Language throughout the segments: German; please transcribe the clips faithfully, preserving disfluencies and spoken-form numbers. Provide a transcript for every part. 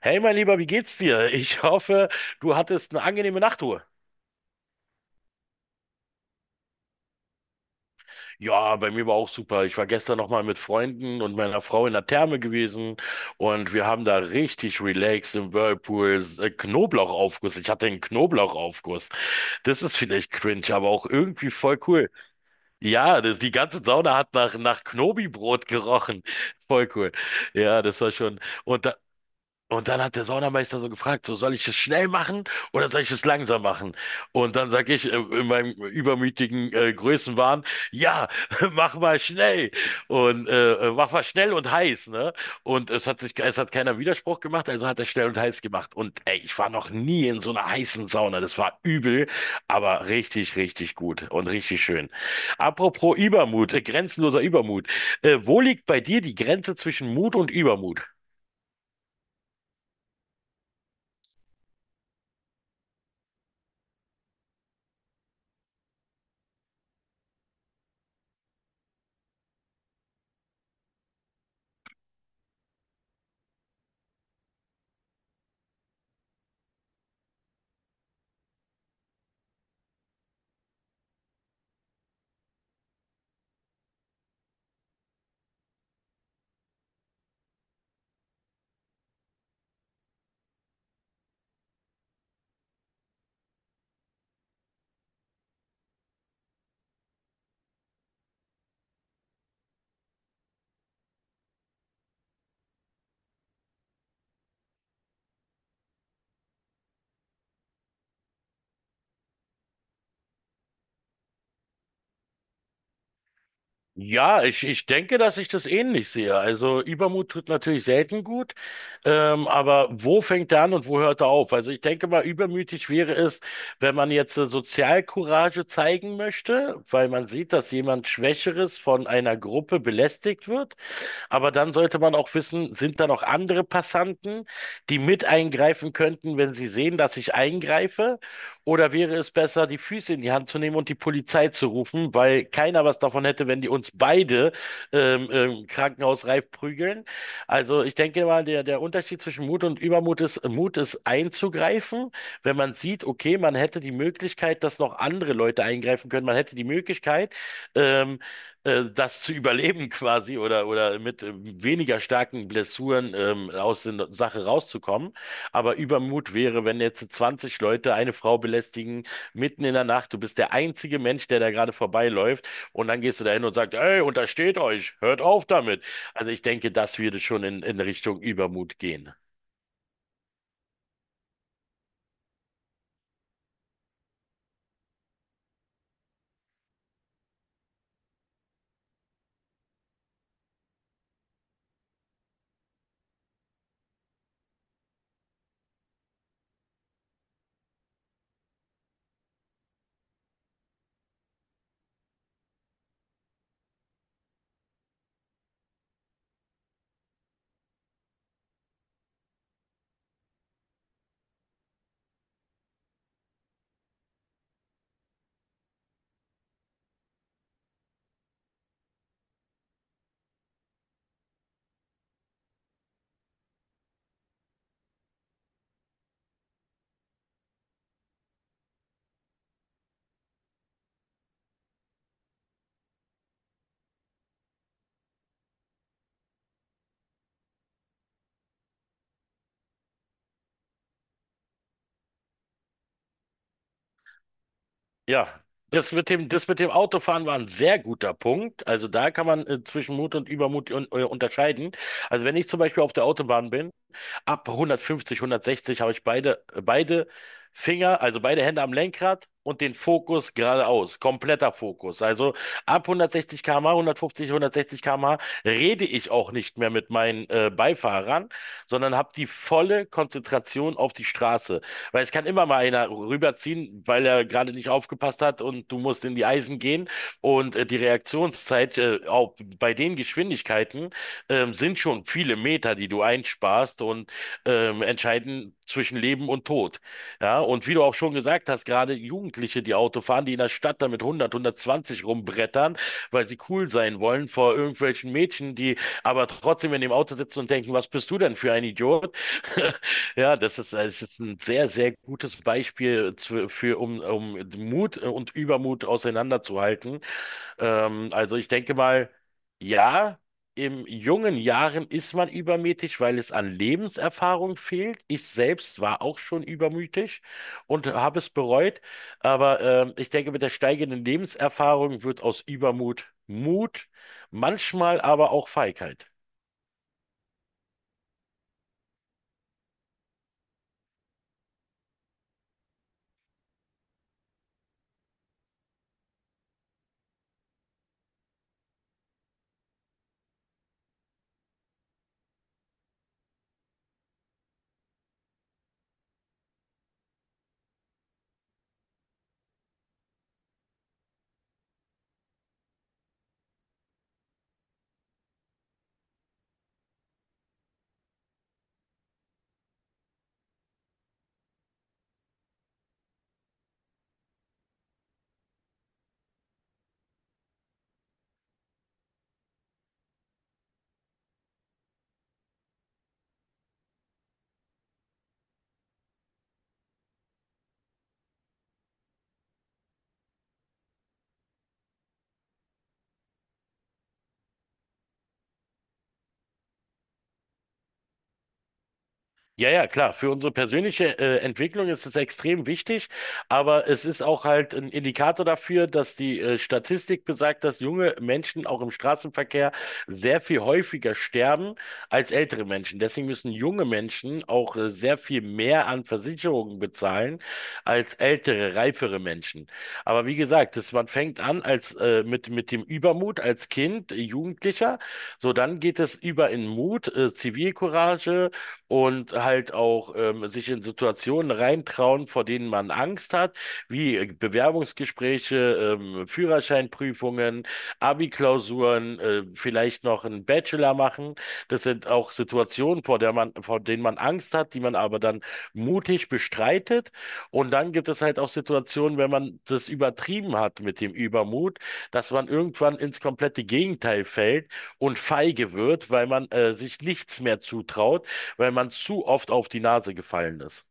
Hey, mein Lieber, wie geht's dir? Ich hoffe, du hattest eine angenehme Nachtruhe. Ja, bei mir war auch super. Ich war gestern noch mal mit Freunden und meiner Frau in der Therme gewesen und wir haben da richtig relaxed im Whirlpool, äh, Knoblauchaufguss. Ich hatte einen Knoblauchaufguss. Das ist vielleicht cringe, aber auch irgendwie voll cool. Ja, das, die ganze Sauna hat nach, nach Knobi-Brot gerochen. Voll cool. Ja, das war schon. Und da, Und dann hat der Saunameister so gefragt, so soll ich es schnell machen oder soll ich es langsam machen? Und dann sage ich äh, in meinem übermütigen äh, Größenwahn, ja, mach mal schnell und äh, äh, mach mal schnell und heiß, ne? Und es hat sich, es hat keiner Widerspruch gemacht, also hat er schnell und heiß gemacht. Und ey, ich war noch nie in so einer heißen Sauna, das war übel, aber richtig, richtig gut und richtig schön. Apropos Übermut, äh, grenzenloser Übermut, äh, wo liegt bei dir die Grenze zwischen Mut und Übermut? Ja, ich, ich denke, dass ich das ähnlich sehe. Also Übermut tut natürlich selten gut, ähm, aber wo fängt er an und wo hört er auf? Also ich denke mal, übermütig wäre es, wenn man jetzt äh, Sozialcourage zeigen möchte, weil man sieht, dass jemand Schwächeres von einer Gruppe belästigt wird, aber dann sollte man auch wissen, sind da noch andere Passanten, die mit eingreifen könnten, wenn sie sehen, dass ich eingreife? Oder wäre es besser, die Füße in die Hand zu nehmen und die Polizei zu rufen, weil keiner was davon hätte, wenn die uns beide ähm, ähm, krankenhausreif prügeln? Also ich denke mal, der, der Unterschied zwischen Mut und Übermut ist, Mut ist einzugreifen, wenn man sieht, okay, man hätte die Möglichkeit, dass noch andere Leute eingreifen können, man hätte die Möglichkeit, ähm, äh, das zu überleben quasi, oder, oder mit ähm, weniger starken Blessuren ähm, aus der Sache rauszukommen. Aber Übermut wäre, wenn jetzt zwanzig Leute eine Frau belästigen, mitten in der Nacht, du bist der einzige Mensch, der da gerade vorbeiläuft, und dann gehst du dahin und sagst, ey, untersteht euch, hört auf damit. Also ich denke, das würde schon in, in Richtung Übermut gehen. Ja, das mit dem, das mit dem Autofahren war ein sehr guter Punkt. Also da kann man äh, zwischen Mut und Übermut un, äh, unterscheiden. Also wenn ich zum Beispiel auf der Autobahn bin, ab hundertfünfzig, hundertsechzig habe ich beide, beide Finger, also beide Hände am Lenkrad und den Fokus geradeaus. Kompletter Fokus. Also ab hundertsechzig Kilometer pro Stunde, hundertfünfzig, hundertsechzig Kilometer pro Stunde rede ich auch nicht mehr mit meinen äh, Beifahrern, sondern habe die volle Konzentration auf die Straße. Weil es kann immer mal einer rüberziehen, weil er gerade nicht aufgepasst hat und du musst in die Eisen gehen. Und äh, die Reaktionszeit äh, auch bei den Geschwindigkeiten ähm, sind schon viele Meter, die du einsparst. Und ähm, entscheiden zwischen Leben und Tod. Ja, und wie du auch schon gesagt hast, gerade Jugendliche, die Auto fahren, die in der Stadt damit hundert, hundertzwanzig rumbrettern, weil sie cool sein wollen vor irgendwelchen Mädchen, die aber trotzdem in dem Auto sitzen und denken, was bist du denn für ein Idiot? Ja, das ist, es ist ein sehr, sehr gutes Beispiel zu, für, um, um Mut und Übermut auseinanderzuhalten. Ähm, also ich denke mal, ja, in jungen Jahren ist man übermütig, weil es an Lebenserfahrung fehlt. Ich selbst war auch schon übermütig und habe es bereut. Aber ähm, ich denke, mit der steigenden Lebenserfahrung wird aus Übermut Mut, manchmal aber auch Feigheit. Ja, ja, klar. Für unsere persönliche äh, Entwicklung ist es extrem wichtig, aber es ist auch halt ein Indikator dafür, dass die äh, Statistik besagt, dass junge Menschen auch im Straßenverkehr sehr viel häufiger sterben als ältere Menschen. Deswegen müssen junge Menschen auch äh, sehr viel mehr an Versicherungen bezahlen als ältere, reifere Menschen. Aber wie gesagt, das, man fängt an als äh, mit mit dem Übermut als Kind, äh, Jugendlicher, so dann geht es über in Mut, äh, Zivilcourage und halt auch ähm, sich in Situationen reintrauen, vor denen man Angst hat, wie äh, Bewerbungsgespräche, ähm, Führerscheinprüfungen, Abi-Klausuren, äh, vielleicht noch einen Bachelor machen. Das sind auch Situationen, vor der man, vor denen man Angst hat, die man aber dann mutig bestreitet. Und dann gibt es halt auch Situationen, wenn man das übertrieben hat mit dem Übermut, dass man irgendwann ins komplette Gegenteil fällt und feige wird, weil man äh, sich nichts mehr zutraut, weil man zu oft auf die Nase gefallen ist.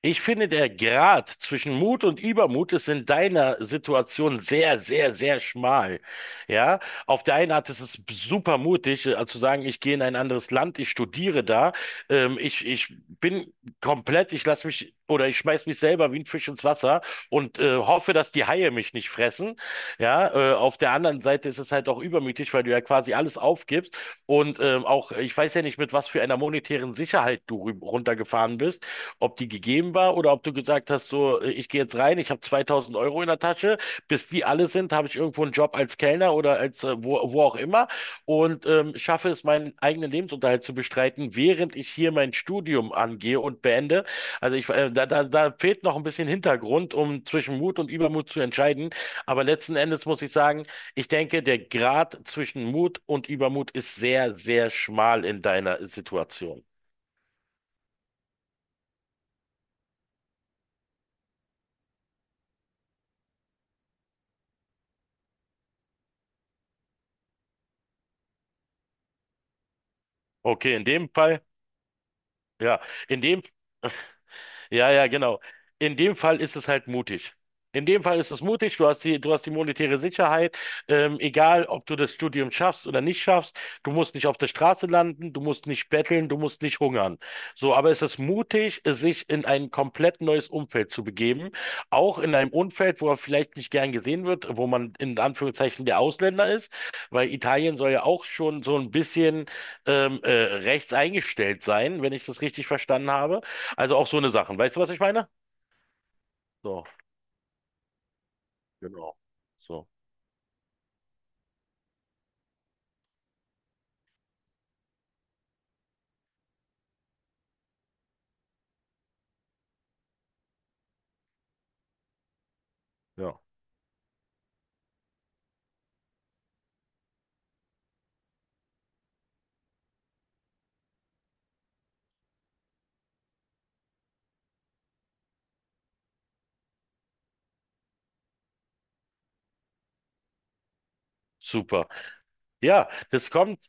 Ich finde, der Grat zwischen Mut und Übermut ist in deiner Situation sehr, sehr, sehr schmal. Ja, auf der einen Art ist es super mutig, äh, zu sagen, ich gehe in ein anderes Land, ich studiere da, ähm, ich, ich bin komplett, ich lasse mich oder ich schmeiß mich selber wie ein Fisch ins Wasser und äh, hoffe, dass die Haie mich nicht fressen. Ja, äh, auf der anderen Seite ist es halt auch übermütig, weil du ja quasi alles aufgibst und ähm, auch, ich weiß ja nicht, mit was für einer monetären Sicherheit du rü- runtergefahren bist, ob die gegeben war oder ob du gesagt hast, so, äh, ich gehe jetzt rein, ich habe zweitausend Euro in der Tasche, bis die alle sind, habe ich irgendwo einen Job als Kellner oder als äh, wo, wo auch immer und ähm, schaffe es, meinen eigenen Lebensunterhalt zu bestreiten, während ich hier mein Studium angehe und beende. Also ich, äh, da, da, da fehlt noch ein bisschen Hintergrund, um zwischen Mut und Übermut zu entscheiden. Aber letzten Endes muss ich sagen, ich denke, der Grad zwischen Mut und Übermut ist sehr, sehr schmal in deiner Situation. Okay, in dem Fall, ja, in dem ja, ja, genau. In dem Fall ist es halt mutig. In dem Fall ist es mutig, du hast die, du hast die monetäre Sicherheit, ähm, egal ob du das Studium schaffst oder nicht schaffst, du musst nicht auf der Straße landen, du musst nicht betteln, du musst nicht hungern. So, aber es ist mutig, sich in ein komplett neues Umfeld zu begeben, auch in einem Umfeld, wo er vielleicht nicht gern gesehen wird, wo man in Anführungszeichen der Ausländer ist, weil Italien soll ja auch schon so ein bisschen ähm, äh, rechts eingestellt sein, wenn ich das richtig verstanden habe. Also auch so eine Sachen. Weißt du, was ich meine? So, genau. So, ja. Super. Ja, das kommt,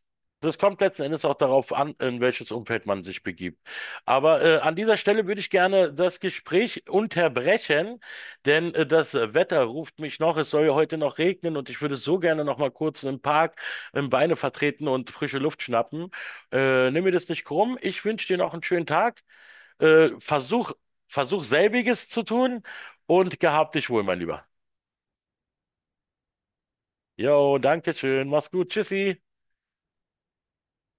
das kommt letzten Endes auch darauf an, in welches Umfeld man sich begibt. Aber äh, an dieser Stelle würde ich gerne das Gespräch unterbrechen, denn äh, das Wetter ruft mich noch. Es soll ja heute noch regnen und ich würde so gerne noch mal kurz im Park im Beine vertreten und frische Luft schnappen. Äh, nimm mir das nicht krumm. Ich wünsche dir noch einen schönen Tag. Äh, versuch, Versuch selbiges zu tun und gehab dich wohl, mein Lieber. Jo, danke schön. Mach's gut. Tschüssi.